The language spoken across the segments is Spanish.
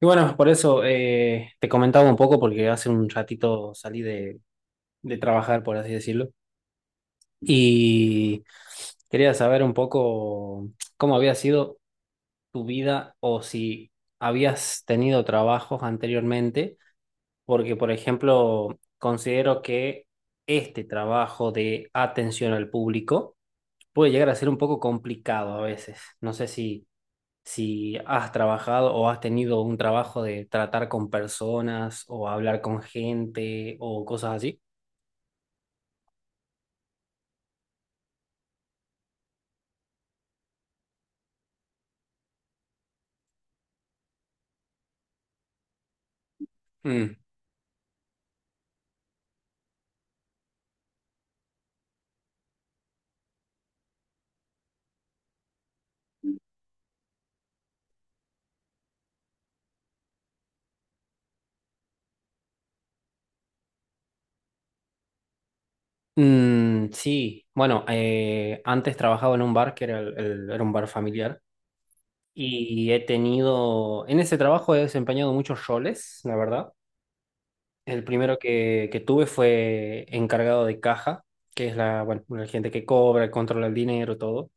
Y bueno, por eso te comentaba un poco, porque hace un ratito salí de trabajar, por así decirlo, y quería saber un poco cómo había sido tu vida, o si habías tenido trabajos anteriormente, porque, por ejemplo, considero que este trabajo de atención al público puede llegar a ser un poco complicado a veces. No sé si has trabajado o has tenido un trabajo de tratar con personas o hablar con gente o cosas así. Mm. Mm, sí, bueno, antes trabajaba en un bar que era un bar familiar, y he tenido, en ese trabajo he desempeñado muchos roles, la verdad. El primero que tuve fue encargado de caja, que es la, bueno, la gente que cobra, controla el dinero, todo.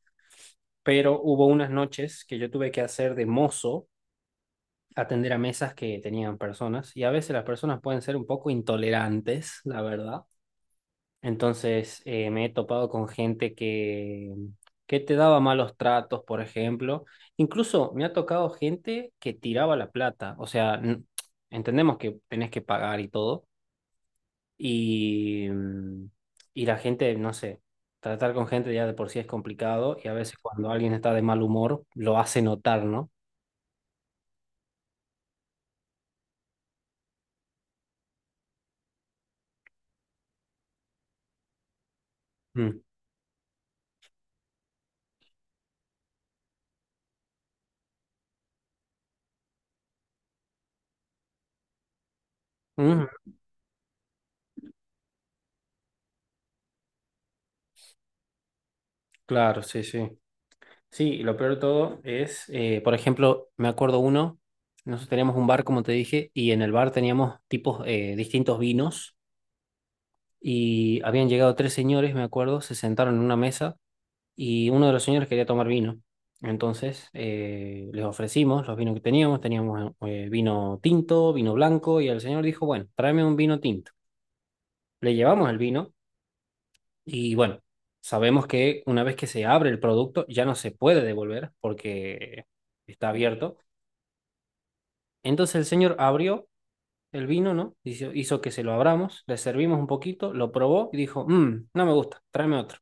Pero hubo unas noches que yo tuve que hacer de mozo, atender a mesas que tenían personas, y a veces las personas pueden ser un poco intolerantes, la verdad. Entonces, me he topado con gente que te daba malos tratos, por ejemplo. Incluso me ha tocado gente que tiraba la plata. O sea, entendemos que tenés que pagar y todo. Y, mm, y la gente, no sé, tratar con gente ya de por sí es complicado, y a veces cuando alguien está de mal humor lo hace notar, ¿no? Mm. Ujú. Claro, sí, sí. Sí, y lo peor de todo es, por ejemplo, me acuerdo uno, nosotros teníamos un bar, como te dije, y en el bar teníamos tipos, distintos vinos, y habían llegado tres señores, me acuerdo, se sentaron en una mesa, y uno de los señores quería tomar vino. Entonces, les ofrecimos los vinos que teníamos. Teníamos, vino tinto, vino blanco, y el señor dijo, bueno, tráeme un vino tinto. Le llevamos el vino, y bueno, sabemos que una vez que se abre el producto, ya no se puede devolver, porque está abierto. Entonces el señor abrió el vino, ¿no? Hizo que se lo abramos, le servimos un poquito, lo probó y dijo: "Mm, no me gusta, tráeme otro".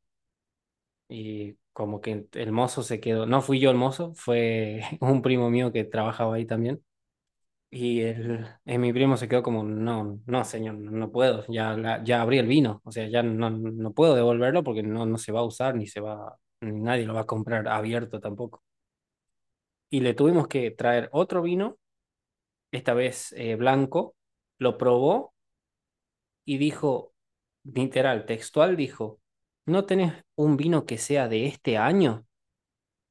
Y como que el mozo se quedó, no fui yo el mozo, fue un primo mío que trabajaba ahí también. Y mi primo se quedó como: no, no, señor, no no puedo, ya, ya abrí el vino, o sea, ya no, no puedo devolverlo porque no, no se va a usar, ni se va, ni nadie lo va a comprar abierto tampoco. Y le tuvimos que traer otro vino, esta vez blanco, lo probó y dijo, literal, textual, dijo: ¿no tenés un vino que sea de este año?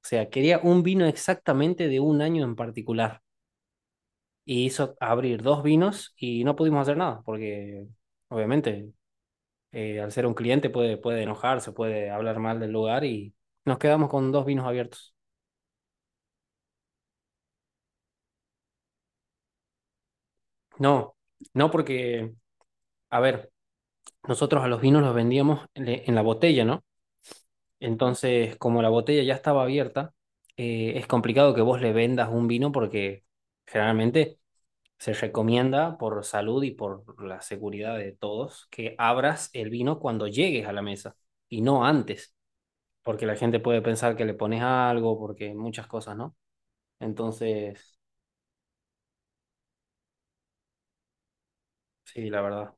O sea, quería un vino exactamente de un año en particular. Y hizo abrir dos vinos y no pudimos hacer nada, porque obviamente, al ser un cliente, puede enojarse, puede hablar mal del lugar, y nos quedamos con dos vinos abiertos. No, no porque, a ver, nosotros a los vinos los vendíamos en la botella, ¿no? Entonces, como la botella ya estaba abierta, es complicado que vos le vendas un vino, porque generalmente se recomienda, por salud y por la seguridad de todos, que abras el vino cuando llegues a la mesa y no antes, porque la gente puede pensar que le pones algo, porque muchas cosas, ¿no? Entonces, sí, la verdad.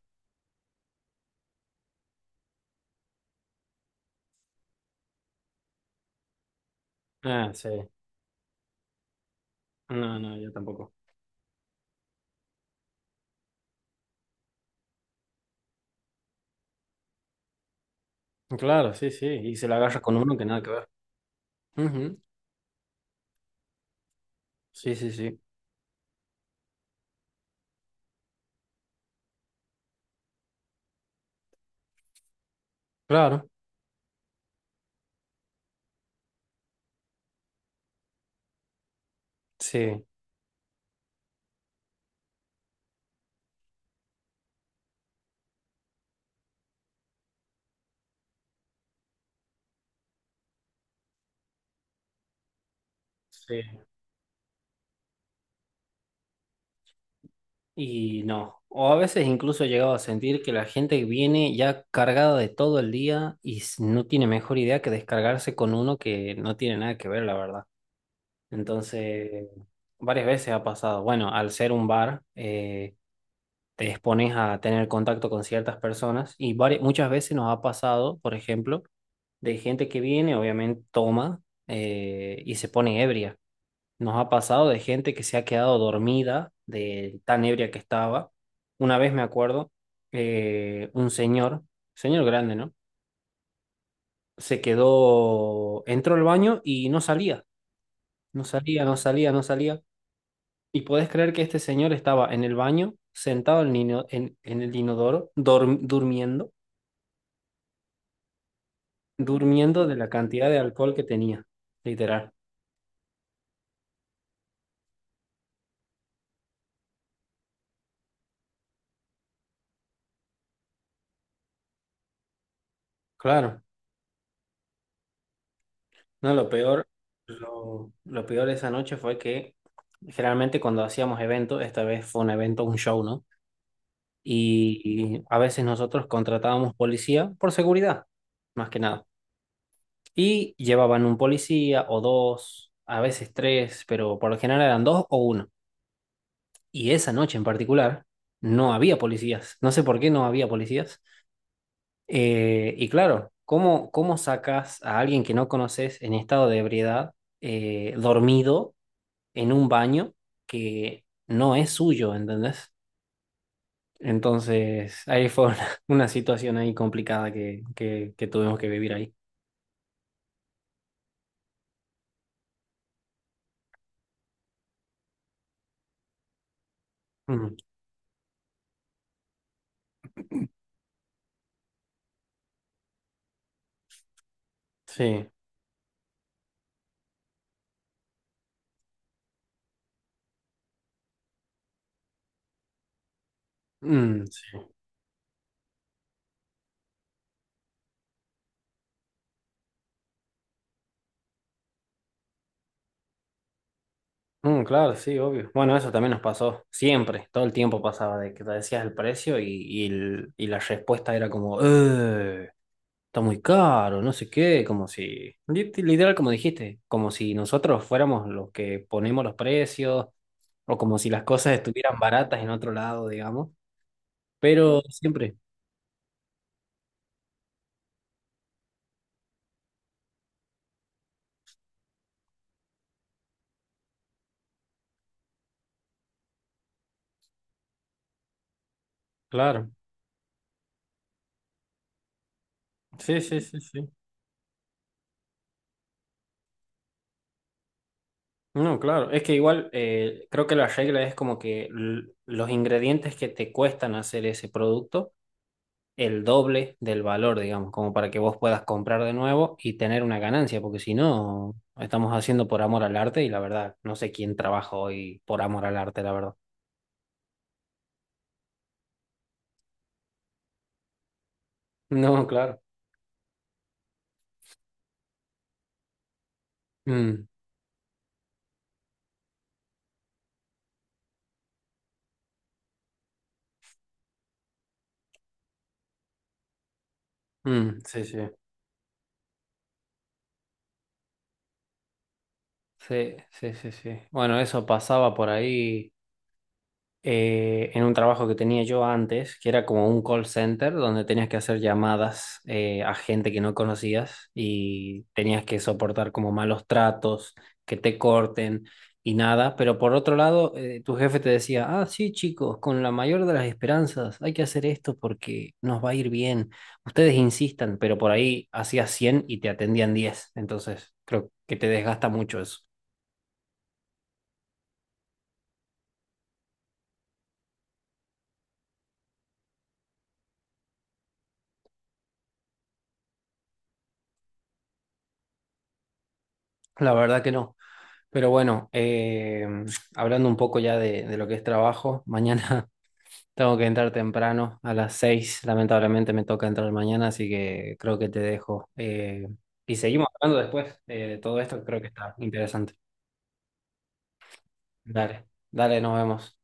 Ah, sí. No, no, yo tampoco. Claro, sí, sí. Y se la agarra con uno que nada que ver. Ujú. Sí, sí, sí. Claro. Sí. Sí. Y no, o a veces incluso he llegado a sentir que la gente viene ya cargada de todo el día, y no tiene mejor idea que descargarse con uno que no tiene nada que ver, la verdad. Entonces, varias veces ha pasado. Bueno, al ser un bar, te expones a tener contacto con ciertas personas, y muchas veces nos ha pasado, por ejemplo, de gente que viene, obviamente toma, y se pone ebria. Nos ha pasado de gente que se ha quedado dormida de tan ebria que estaba. Una vez me acuerdo, un señor, señor grande, ¿no? Se quedó, entró al baño y no salía, no salía, no salía, no salía. Y podés creer que este señor estaba en el baño, sentado en, en el inodoro, durmiendo, durmiendo de la cantidad de alcohol que tenía, literal. Claro. No, lo peor, lo peor de esa noche fue que generalmente, cuando hacíamos eventos, esta vez fue un evento, un show, ¿no? Y, y a veces nosotros contratábamos policía por seguridad, más que nada. Y llevaban un policía o dos, a veces tres, pero por lo general eran dos o uno. Y esa noche en particular no había policías. No sé por qué no había policías. Y claro, ¿cómo sacas a alguien que no conoces en estado de ebriedad, dormido, en un baño que no es suyo? ¿Entendés? Entonces, ahí fue una, una situación ahí complicada que tuvimos que vivir ahí. Mm, sí. Mm, sí. Mm, claro, sí, obvio. Bueno, eso también nos pasó siempre, todo el tiempo pasaba de que te decías el precio, y la respuesta era como: "Ugh". Está muy caro, no sé qué, como si, literal, como dijiste, como si nosotros fuéramos los que ponemos los precios, o como si las cosas estuvieran baratas en otro lado, digamos, pero siempre, claro, sí, sí, sí, sí. No, claro, es que igual, creo que la regla es como que los ingredientes que te cuestan hacer ese producto, el doble del valor, digamos, como para que vos puedas comprar de nuevo y tener una ganancia, porque si no, estamos haciendo por amor al arte, y la verdad, no sé quién trabaja hoy por amor al arte, la verdad. No, claro. Mm, mm, sí, sí. Sí, sí, sí, sí. Bueno, eso pasaba por ahí. En un trabajo que tenía yo antes, que era como un call center, donde tenías que hacer llamadas, a gente que no conocías, y tenías que soportar como malos tratos, que te corten y nada. Pero por otro lado, tu jefe te decía: ah, sí, chicos, con la mayor de las esperanzas, hay que hacer esto porque nos va a ir bien. Ustedes insistan, pero por ahí hacías 100 y te atendían 10. Entonces, creo que te desgasta mucho eso. La verdad que no. Pero bueno, hablando un poco ya de lo que es trabajo, mañana tengo que entrar temprano a las 6. Lamentablemente me toca entrar mañana, así que creo que te dejo. Y seguimos hablando después, de todo esto, que creo que está interesante. Dale, dale, nos vemos.